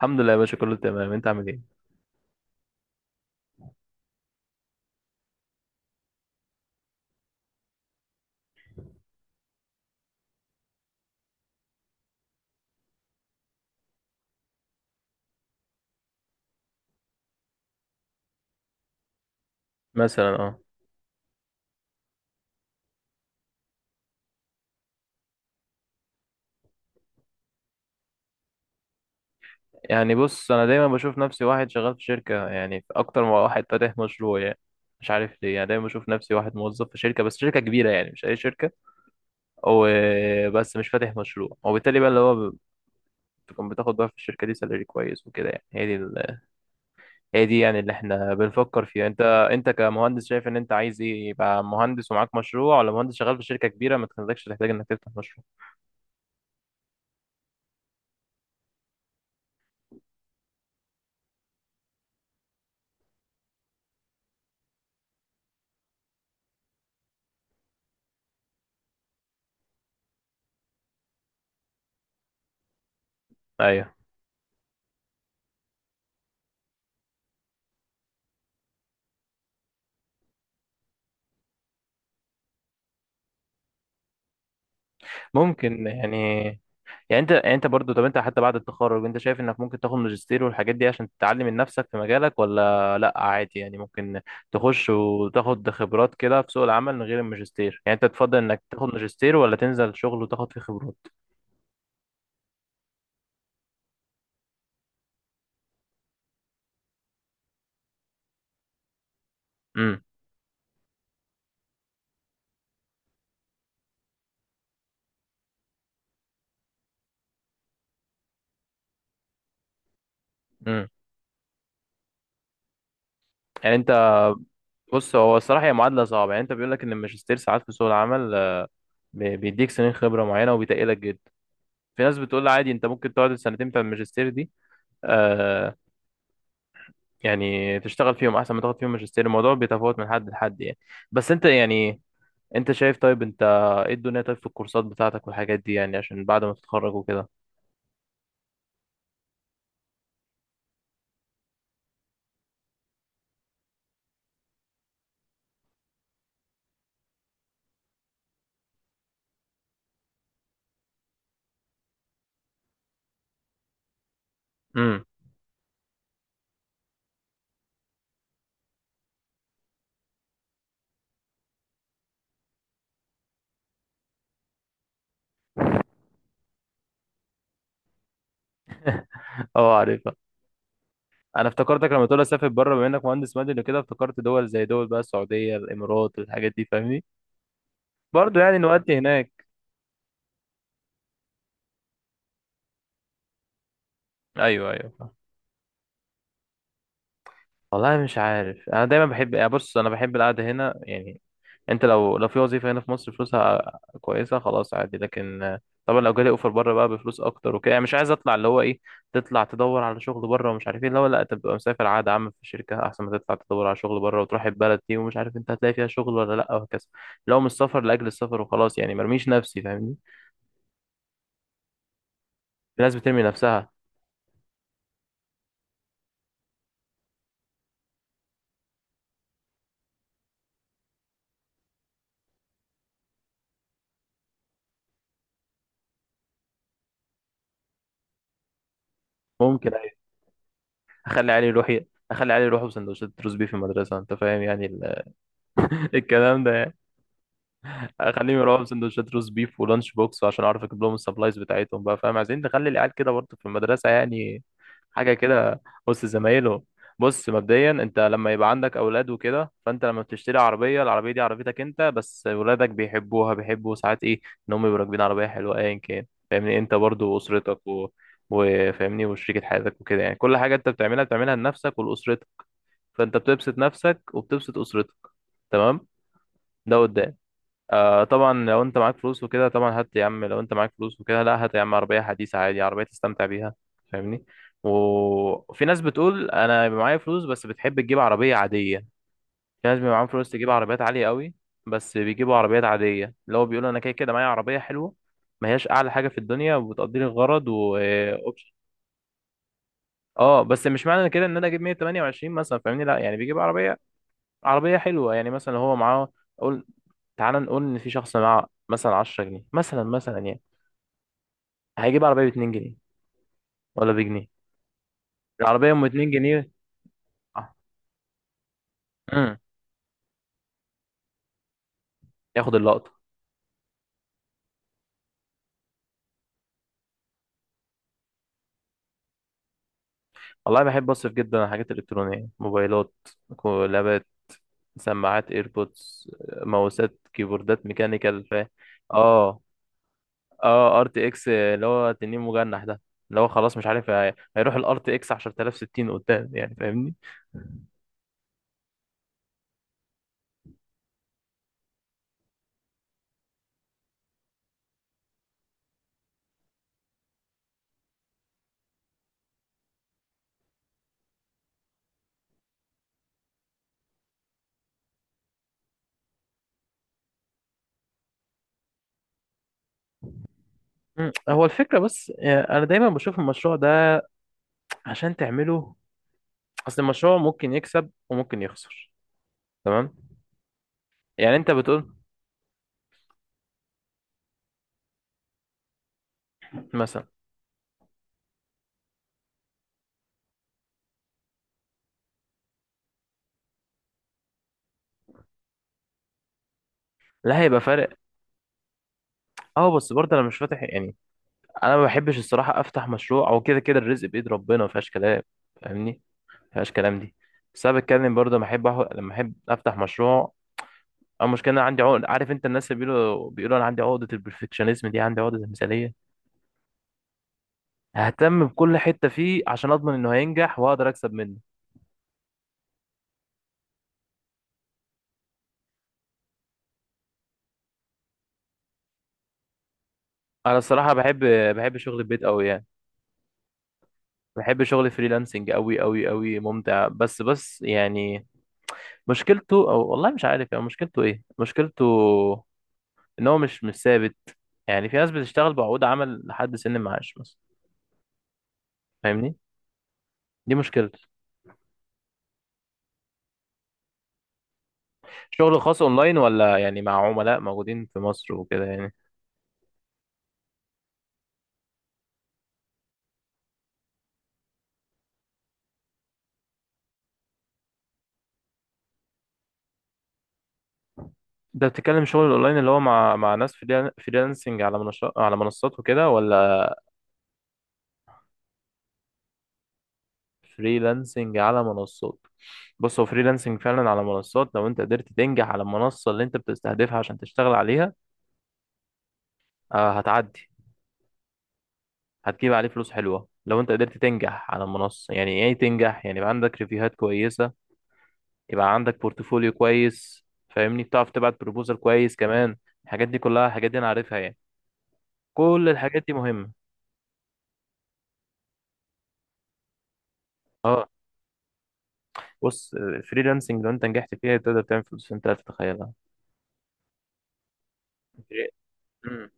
الحمد لله يا باشا، كله تمام. انت عامل ايه؟ مثلا اه. يعني بص، انا دايما بشوف نفسي واحد شغال في شركه، يعني في اكتر من واحد فاتح مشروع يعني. مش عارف ليه، يعني دايما بشوف نفسي واحد موظف في شركه، بس شركه كبيره يعني، مش اي شركه. وبس مش فاتح مشروع، وبالتالي بقى اللي هو تكون بتاخد بقى في الشركة دي سالري كويس وكده يعني. هي دي يعني اللي احنا بنفكر فيها. انت كمهندس شايف ان انت عايز ايه؟ يبقى مهندس ومعاك مشروع، ولا مهندس شغال في شركة كبيرة ما تخليكش تحتاج انك تفتح مشروع؟ ايوه ممكن يعني. يعني انت برضو، طب انت حتى بعد التخرج انت شايف انك ممكن تاخد ماجستير والحاجات دي عشان تتعلم من نفسك في مجالك ولا لا؟ عادي يعني، ممكن تخش وتاخد خبرات كده في سوق العمل من غير الماجستير. يعني انت تفضل انك تاخد ماجستير ولا تنزل شغل وتاخد فيه خبرات؟ امم امم يعني انت، بص. هو الصراحه هي معادله صعبه، يعني انت بيقول لك ان الماجستير ساعات في سوق العمل بيديك سنين خبره معينه وبيتقلك جدا. في ناس بتقول عادي، انت ممكن تقعد السنتين بتاع الماجستير دي آه يعني تشتغل فيهم احسن ما تاخد فيهم ماجستير. الموضوع بيتفاوت من حد لحد يعني. بس انت يعني، انت شايف طيب؟ انت ايه الدنيا؟ طيب في الكورسات بتاعتك والحاجات دي، يعني عشان بعد ما تتخرج وكده. امم اه، عارفها. انا افتكرتك لما تقول اسافر بره، بما انك مهندس مدني وكده افتكرت دول زي دول بقى، السعوديه، الامارات، الحاجات دي فاهمني. برضه يعني نودي هناك. ايوه، ايوه. والله مش عارف، انا دايما بحب يعني، بص، انا بحب القعده هنا يعني. انت لو في وظيفه هنا في مصر فلوسها كويسه، خلاص عادي. لكن طبعا لو جالي اوفر بره بقى بفلوس اكتر وكده يعني، مش عايز اطلع اللي هو ايه، تطلع تدور على شغل بره ومش عارف ايه. لا لا، تبقى مسافر عقد عام في شركه احسن ما تطلع تدور على شغل بره وتروح البلد دي ومش عارف انت هتلاقي فيها شغل ولا لا، وهكذا. لو مش السفر لاجل السفر وخلاص يعني، مرميش نفسي فاهمني. في ناس بترمي نفسها. ممكن، أيوة. اخلي علي يروح. بسندوتشات روز بيف في المدرسه انت فاهم يعني الكلام ده. اخليهم يروحوا بسندوتشات روز بيف ولانش بوكس عشان اعرف اجيب لهم السبلايز بتاعتهم بقى فاهم، عايزين نخلي العيال كده برضه في المدرسه يعني، حاجه كده وسط زمايلهم. بص، مبدئيا انت لما يبقى عندك اولاد وكده، فانت لما بتشتري عربيه، العربيه دي عربيتك انت، بس ولادك بيحبوها، بيحبوا ساعات ايه، ان هم يبقوا راكبين عربيه حلوه ايا كان. فاهمني، انت برضه واسرتك و... وفاهمني، وشريكة حياتك وكده، يعني كل حاجه انت بتعملها، بتعملها لنفسك ولاسرتك. فانت بتبسط نفسك وبتبسط اسرتك. تمام، ده قدام. آه طبعا لو انت معاك فلوس وكده، طبعا هات يا عم. لو انت معاك فلوس وكده، لا هات يا عم عربية حديثة عادي، عربية تستمتع بيها فاهمني. وفي ناس بتقول انا بيبقى معايا فلوس بس بتحب تجيب عربية عادية. في ناس بيبقى معاهم فلوس تجيب عربيات عالية قوي، بس بيجيبوا عربيات عادية، اللي هو بيقولوا انا كده كده معايا عربية حلوة، ما هياش اعلى حاجة في الدنيا وبتقضي لي الغرض و... اوبشن. اه بس مش معنى كده ان انا اجيب 128 مثلا فاهمني، لا يعني بيجيب عربية حلوة يعني، مثلا هو معاه. تعال نقول ان في شخص معاه مثلا 10 جنيه، مثلا يعني هيجيب عربيه ب 2 جنيه ولا بجنيه، العربيه ام 2 جنيه. آه. امم ياخد اللقطه. والله بحب اصرف جدا على الحاجات الالكترونيه، موبايلات، كولابات، سماعات ايربودز، ماوسات، كيبوردات ميكانيكال، ف اه، اه، ار تي اكس اللي هو تنين مجنح ده، اللي هو خلاص مش عارف هيروح الار تي اكس 10060 قدام يعني فاهمني. مم. هو الفكرة بس أنا دايما بشوف المشروع ده عشان تعمله، اصل المشروع ممكن يكسب وممكن يخسر، تمام. يعني انت بتقول مثلا. لا، هيبقى فارق. اه بس برضه انا مش فاتح يعني، انا ما بحبش الصراحه افتح مشروع، او كده كده الرزق بايد ربنا، ما فيهاش كلام فاهمني. ما فيهاش كلام دي. بس انا بتكلم برضه لما احب لما احب افتح مشروع، او مشكله انا عندي عقد، عارف انت الناس اللي بيقولوا، انا عندي عقده البرفكشنزم دي، عندي عقده المثاليه. ههتم بكل حته فيه عشان اضمن انه هينجح واقدر اكسب منه. انا الصراحه بحب شغل البيت قوي يعني. بحب شغل فريلانسنج قوي قوي قوي ممتع، بس بس يعني، مشكلته، او والله مش عارف يعني مشكلته ايه. مشكلته ان هو مش ثابت. يعني في ناس بتشتغل بعقود عمل لحد سن المعاش مثلا فاهمني، دي مشكلته. شغل خاص اونلاين ولا يعني مع عملاء موجودين في مصر وكده يعني؟ ده بتتكلم شغل اونلاين اللي هو مع ناس، فريلانسنج على منصات وكده، ولا فريلانسنج على منصات؟ بص، هو فريلانسنج فعلا على منصات. لو انت قدرت تنجح على المنصة اللي انت بتستهدفها عشان تشتغل عليها هتعدي. هتجيب عليه فلوس حلوة لو انت قدرت تنجح على المنصة. يعني ايه تنجح؟ يعني يبقى عندك ريفيوهات كويسة، يبقى عندك بورتفوليو كويس فاهمني، بتعرف تبعت بروبوزال كويس كمان، الحاجات دي كلها. الحاجات دي انا عارفها يعني، كل الحاجات دي مهمة. اه، بص، فريلانسنج لو انت نجحت فيها تقدر تعمل فلوس انت لا تتخيلها. مم.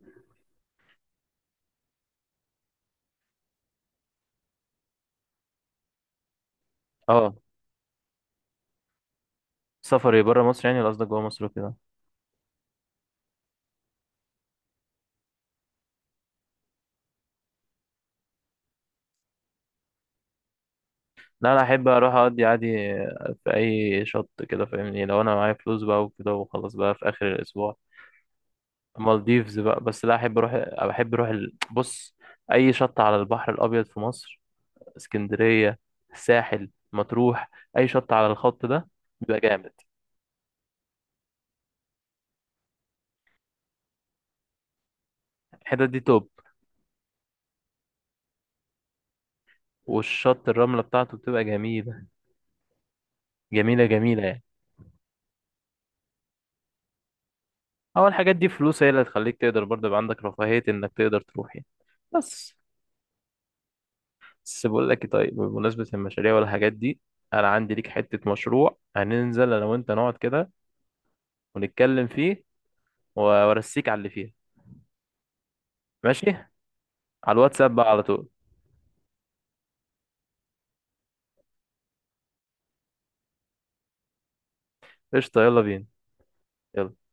اه، سفري بره مصر يعني، ولا قصدك جوه مصر وكده؟ لا، انا احب اروح اقضي عادي في اي شط كده فاهمني، لو انا معايا فلوس بقى وكده، وخلاص بقى في اخر الاسبوع. مالديفز بقى، بس لا احب اروح. بحب اروح بص، اي شط على البحر الابيض في مصر، اسكندريه، الساحل، مطروح، اي شط على الخط ده بيبقى جامد. الحتت دي توب. والشط، الرمله بتاعته بتبقى جميله، جميله جميله يعني. اول الحاجات دي فلوس، هي اللي هتخليك تقدر برضه يبقى عندك رفاهيه انك تقدر تروح يعني. بس بس بقول لك طيب، بمناسبة المشاريع والحاجات دي، أنا عندي ليك حتة مشروع هننزل أنا وأنت نقعد كده ونتكلم فيه، وأرسيك على اللي فيه. ماشي، على الواتساب بقى على طول. قشطة، يلا بينا. يلا.